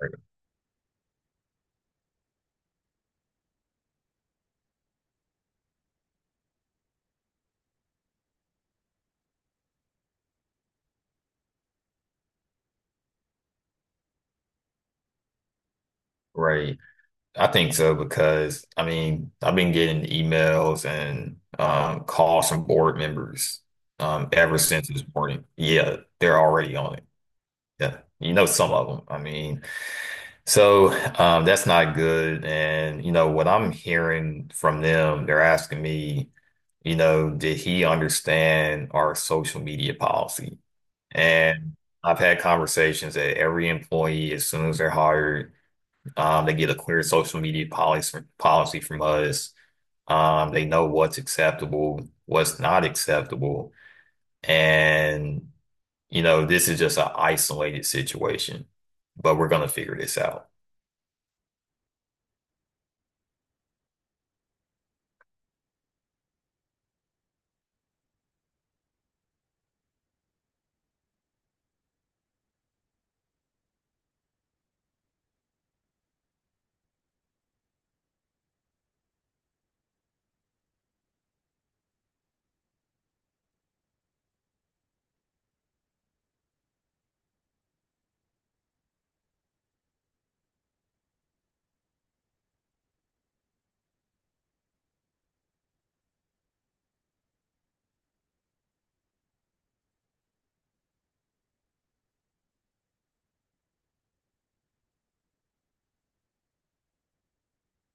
Right. Right. I think so because I mean, I've been getting emails and calls from board members ever since this morning. Yeah, they're already on it. Yeah. You know, some of them. I mean, so that's not good. And, you know, what I'm hearing from them, they're asking me, you know, did he understand our social media policy? And I've had conversations that every employee, as soon as they're hired, they get a clear social media policy from us. They know what's acceptable, what's not acceptable, and you know this is just an isolated situation, but we're gonna figure this out.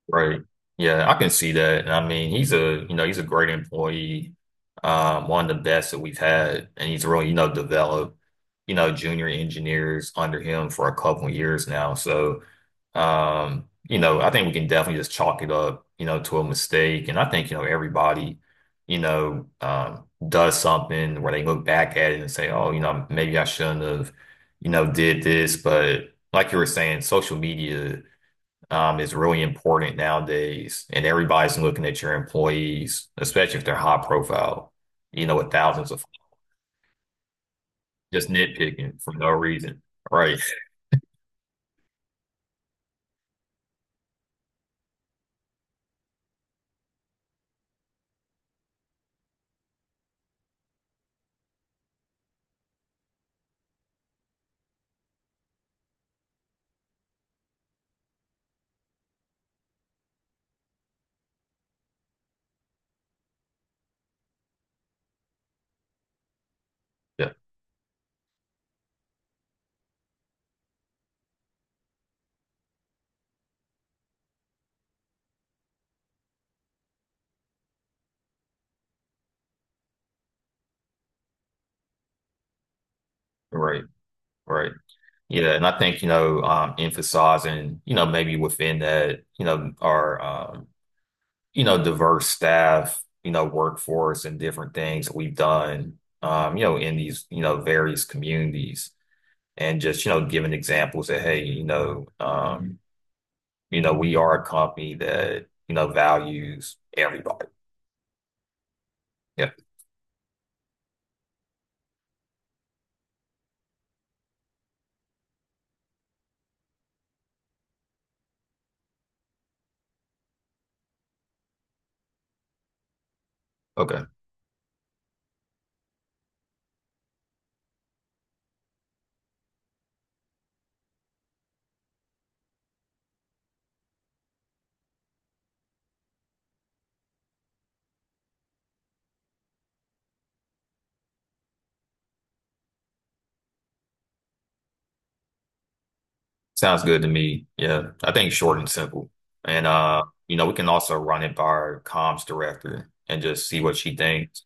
Right. Yeah, I can see that. And I mean, he's a, you know, he's a great employee, one of the best that we've had. And he's really, you know, developed, you know, junior engineers under him for a couple of years now. So, you know, I think we can definitely just chalk it up, you know, to a mistake. And I think, you know, everybody, you know, does something where they look back at it and say, oh, you know, maybe I shouldn't have, you know, did this. But like you were saying, social media is really important nowadays, and everybody's looking at your employees, especially if they're high profile, you know, with thousands of just nitpicking for no reason. Right. Yeah. Right. Right. Yeah. And I think, you know, emphasizing, you know, maybe within that, you know, our, you know, diverse staff, you know, workforce and different things we've done, you know, in these, you know, various communities and just, you know, giving examples that, hey, you know, we are a company that, you know, values everybody. Yeah. Okay. Sounds good to me. Yeah. I think short and simple. And you know, we can also run it by our comms director and just see what she thinks.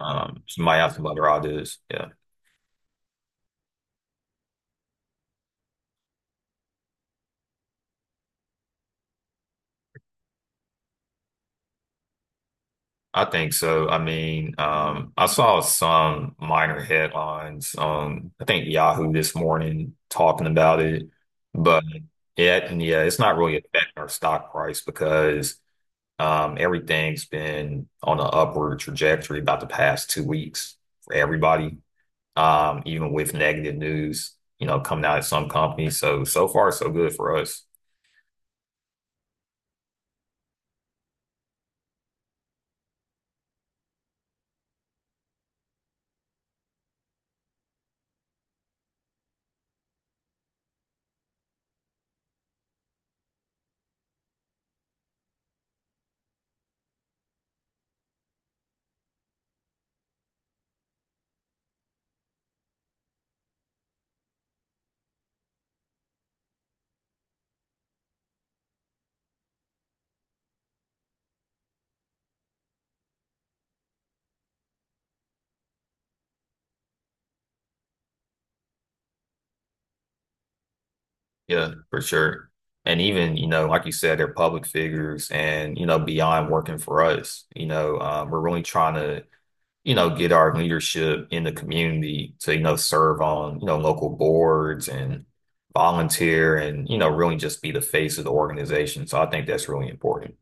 She might have some other ideas. Yeah. I think so. I mean, I saw some minor headlines on, I think Yahoo this morning talking about it, but yeah, yeah, it's not really affecting our stock price because everything's been on an upward trajectory about the past 2 weeks for everybody, even with negative news, you know, coming out of some companies. So, so far, so good for us. Yeah, for sure. And even, you know, like you said, they're public figures and, you know, beyond working for us, you know, we're really trying to you know, get our leadership in the community to, you know, serve on, you know, local boards and volunteer and, you know, really just be the face of the organization. So I think that's really important.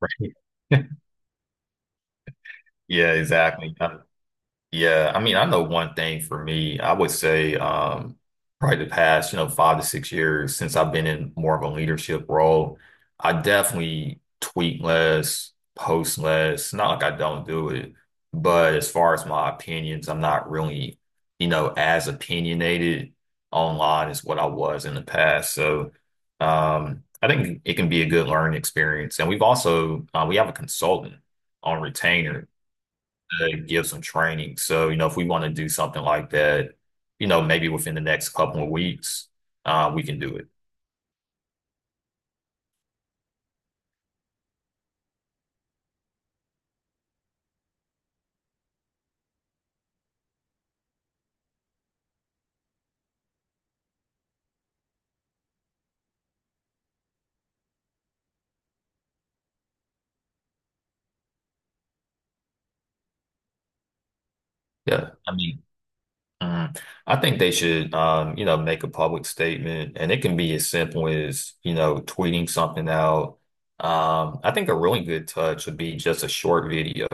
Right. Yeah, exactly. Yeah, I mean, I know one thing for me, I would say probably the past, you know, 5 to 6 years since I've been in more of a leadership role, I definitely tweet less, post less. Not like I don't do it, but as far as my opinions, I'm not really, you know, as opinionated online as what I was in the past. So I think it can be a good learning experience. And we've also we have a consultant on retainer to give some training. So, you know, if we want to do something like that, you know, maybe within the next couple of weeks, we can do it. Yeah. I mean, mm, I think they should, you know, make a public statement and it can be as simple as, you know, tweeting something out. I think a really good touch would be just a short video,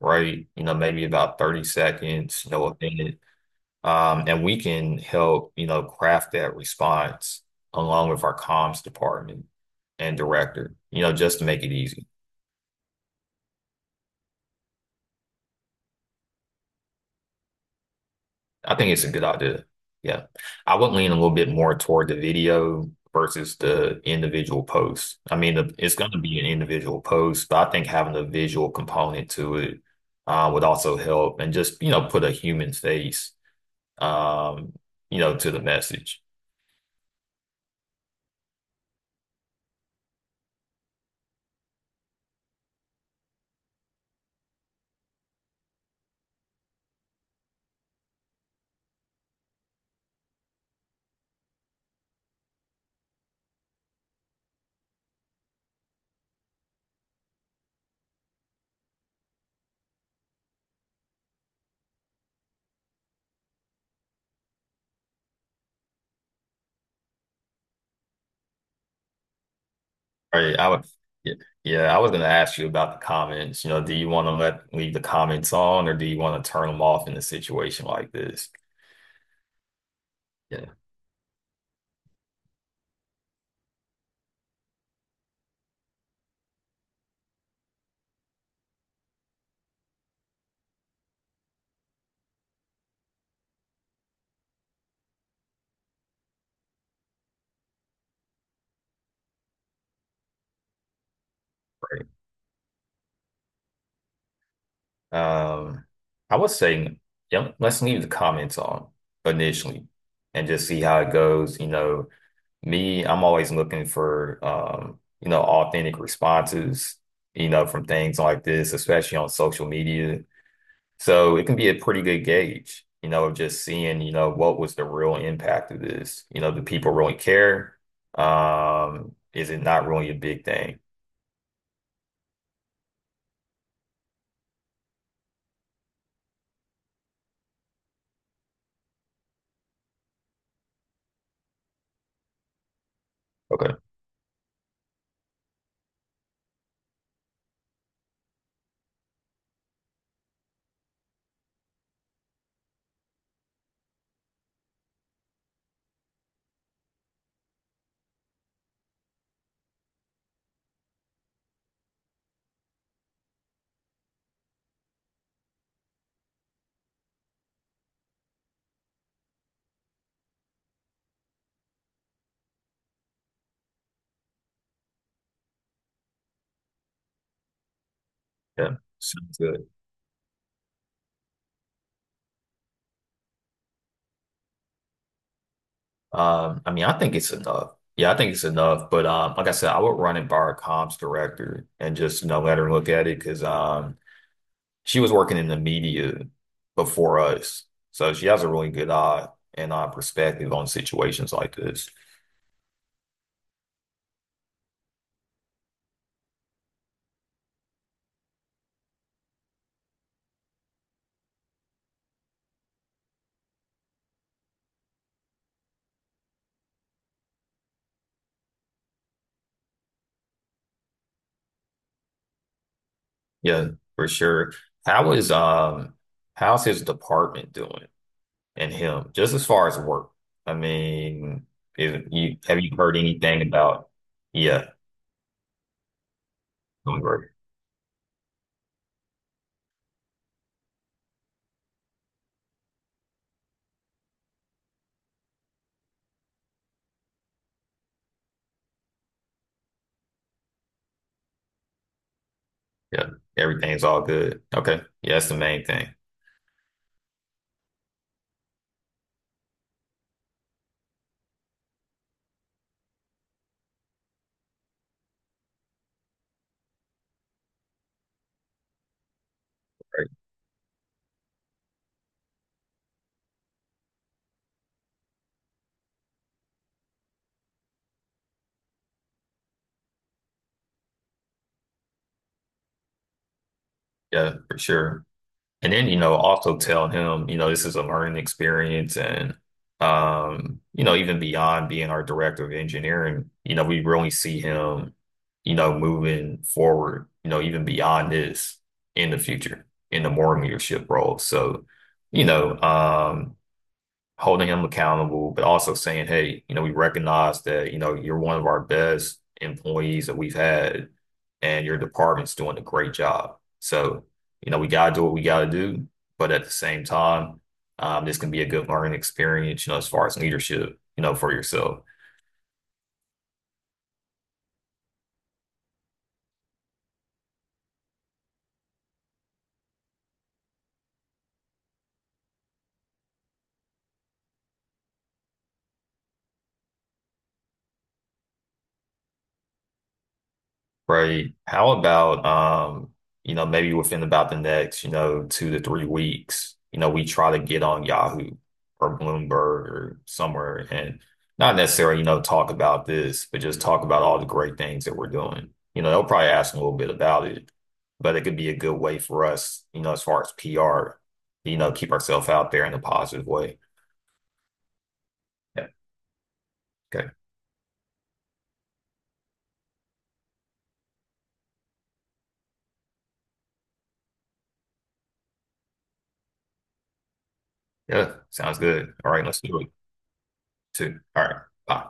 right? You know, maybe about 30 seconds, you know, a minute. And we can help, you know, craft that response along with our comms department and director, you know, just to make it easy. I think it's a good idea. Yeah. I would lean a little bit more toward the video versus the individual post. I mean, the, it's going to be an individual post, but I think having a visual component to it would also help and just, you know, put a human face, um, you know, to the message. Right, I would, yeah, yeah, I was going to ask you about the comments. You know, do you want to let leave the comments on, or do you want to turn them off in a situation like this? Yeah, right. Um, I would say, yeah, let's leave the comments on initially, and just see how it goes. You know, me, I'm always looking for, you know, authentic responses. You know, from things like this, especially on social media. So it can be a pretty good gauge, you know, of just seeing, you know, what was the real impact of this? You know, do people really care? Is it not really a big thing? Okay. Yeah. Sounds good. I mean, I think it's enough. Yeah, I think it's enough. But like I said, I would run it by our comms director and just, you know, let her look at it because she was working in the media before us. So she has a really good eye and perspective on situations like this. Yeah, for sure. How is how's his department doing and him, just as far as work? I mean, is you have you heard anything about yeah, doing great. Yeah. Everything's all good. Okay. Yeah, that's the main thing. Right. Yeah, for sure. And then, you know, also tell him, you know, this is a learning experience and you know, even beyond being our director of engineering, you know, we really see him, you know, moving forward, you know, even beyond this in the future in the more leadership role. So, you know, holding him accountable, but also saying, hey, you know, we recognize that, you know, you're one of our best employees that we've had and your department's doing a great job. So, you know, we got to do what we got to do, but at the same time, this can be a good learning experience, you know, as far as leadership, you know, for yourself. Right. How about you know, maybe within about the next, you know, 2 to 3 weeks, you know, we try to get on Yahoo or Bloomberg or somewhere and not necessarily, you know, talk about this, but just talk about all the great things that we're doing. You know, they'll probably ask a little bit about it, but it could be a good way for us, you know, as far as PR, you know, keep ourselves out there in a positive way. Yeah. Okay. Yeah. Sounds good. All right, let's do it too. All right. Bye.